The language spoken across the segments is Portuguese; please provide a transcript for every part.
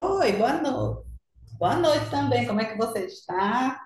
Oi, boa noite. Boa noite também. Como é que você está?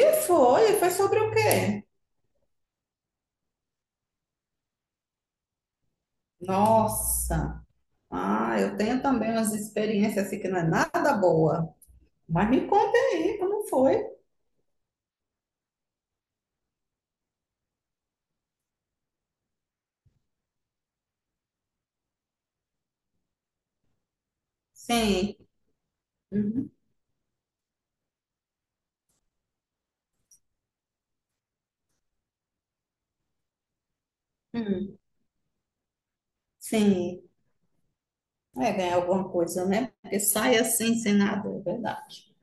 E foi sobre o quê? Nossa. Ah, eu tenho também umas experiências assim que não é nada boa. Mas me conta aí, como foi? Sim. Uhum. Hum. Sim. É ganhar alguma coisa, né? Porque sai assim sem nada, é verdade.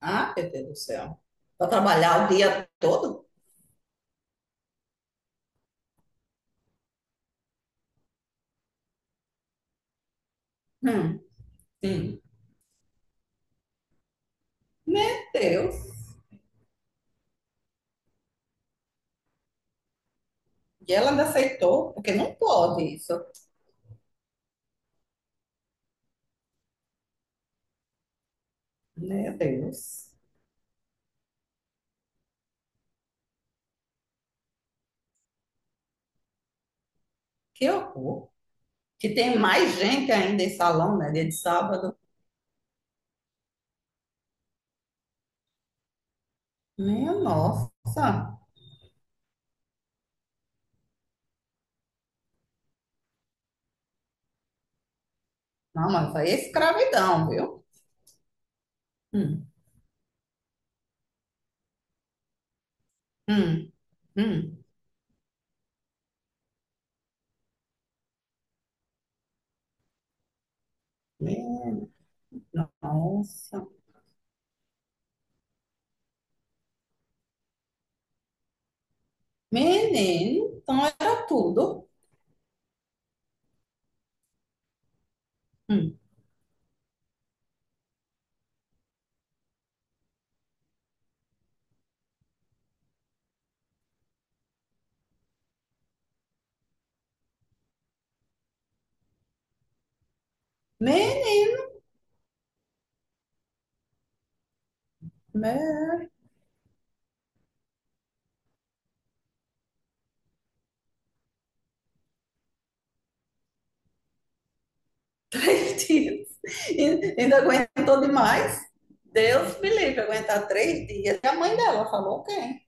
Ah, meu Deus do céu. Para trabalhar o dia todo? Hum, sim. Meu Deus. E ela ainda aceitou, porque não pode isso. Meu Deus. Que horror! Que tem mais gente ainda em salão, né? Dia de sábado. Minha nossa! Não, mas isso aí é escravidão, viu? Hum, hum, hum. Minha nossa! Menino, então era tudo. Hum. Menino, né? Três dias. E- ainda aguentou demais. Deus me livre, aguentar três dias. E a mãe dela falou quem?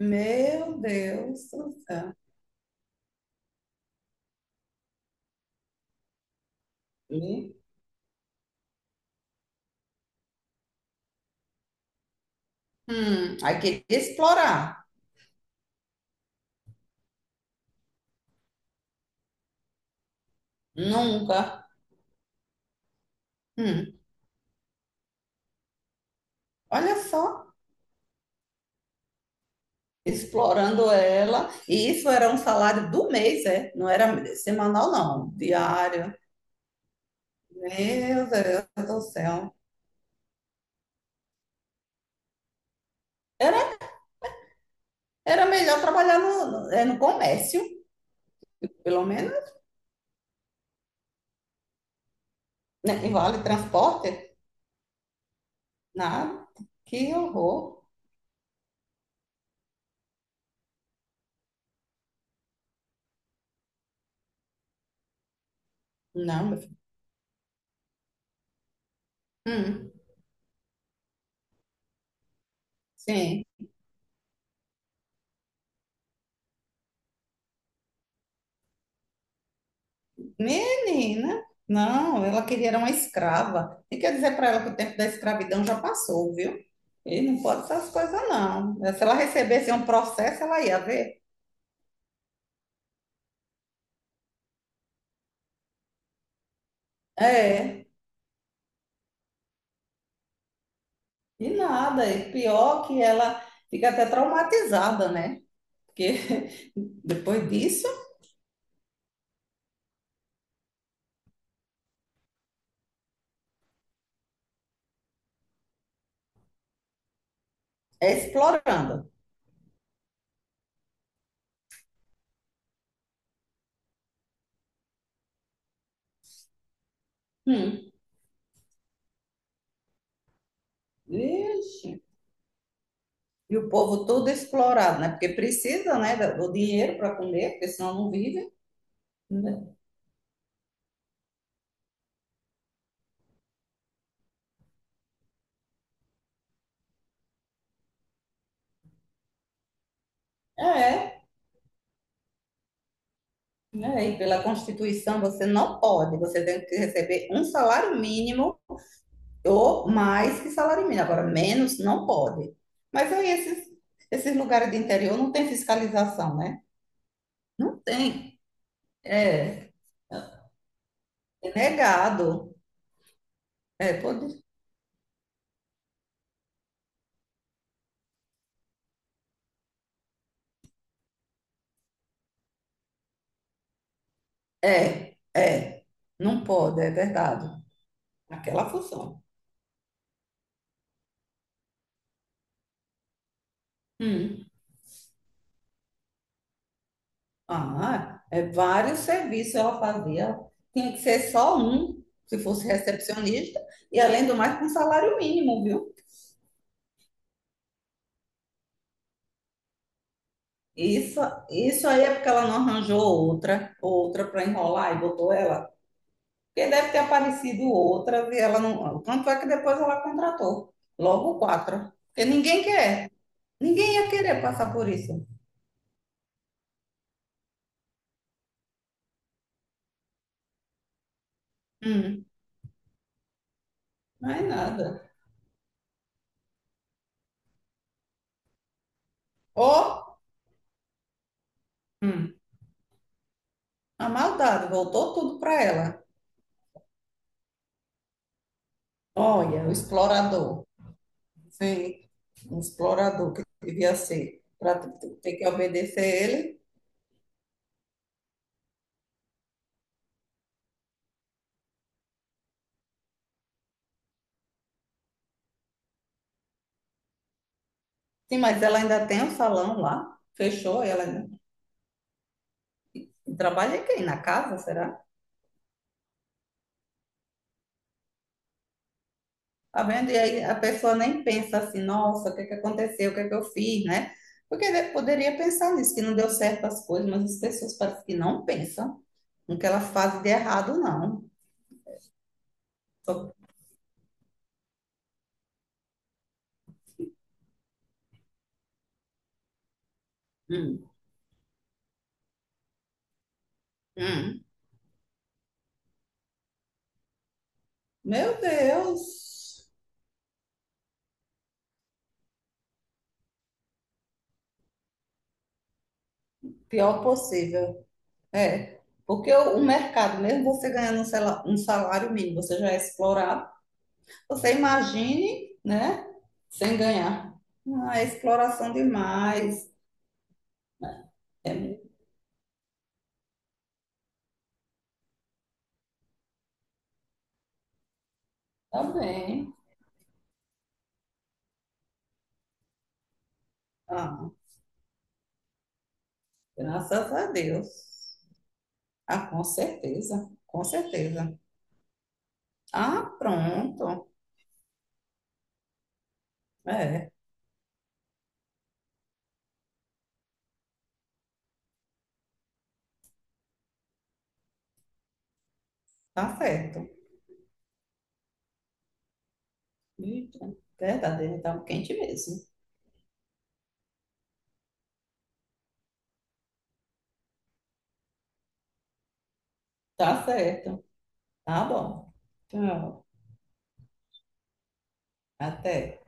Meu Deus do céu. Hum. Hum. Aí queria explorar. Nunca. Hum, Olha só, explorando ela. E isso era um salário do mês, é? Não era semanal, não, diário. Meu Deus do céu. Era, era melhor trabalhar no, é, no comércio, pelo menos, né? E vale transporte? Nada. Que horror. Não, meu filho. Hum, sim. Menina, não, ela queria era uma escrava. E quer dizer para ela que o tempo da escravidão já passou, viu? E não pode essas coisas, não. Se ela recebesse um processo, ela ia ver. É, e nada. E pior que ela fica até traumatizada, né? Porque depois disso é explorando. Hum. Vixe. E o povo todo explorado, né? Porque precisa, né, do dinheiro para comer, porque senão não vive. Né? É, né? E pela Constituição você não pode, você tem que receber um salário mínimo ou mais que salário mínimo, agora menos não pode. Mas aí esses lugares de interior não tem fiscalização, né? Não tem. É, é negado. É, pode. É, é. Não pode, é verdade. Aquela função. Hum. Ah, é vários serviços ela fazia. Tinha que ser só um, se fosse recepcionista, e além do mais, com salário mínimo, viu? Isso, isso aí é porque ela não arranjou outra para enrolar e botou ela. Porque deve ter aparecido outra e ela não. Tanto é que depois ela contratou. Logo quatro. Porque ninguém quer. Ninguém ia querer passar por isso. Hum, não é nada. Ó, hum, a maldade voltou tudo para ela. Olha, o explorador. Sim, um explorador que devia ser. Para ter que obedecer ele. Sim, mas ela ainda tem o salão lá. Fechou, ela ainda. Quem trabalha em quem? Na casa, será? Tá vendo? E aí a pessoa nem pensa assim, nossa, o que que aconteceu? O que que eu fiz, né? Porque ele poderia pensar nisso, que não deu certo as coisas, mas as pessoas parecem que não pensam no que elas fazem de errado, não. Só- hum, hum. Meu Deus! Pior possível. É. Porque o mercado, mesmo você ganhando um sala- um salário mínimo, você já é explorado. Você imagine, né? Sem ganhar. Ah, é exploração demais. É. Tá bem. Ah, graças a Deus. Ah, com certeza, com certeza. Ah, pronto. É, tá certo. Eita, verdade, ele tá quente mesmo. Tá certo. Tá bom. Tchau. Até.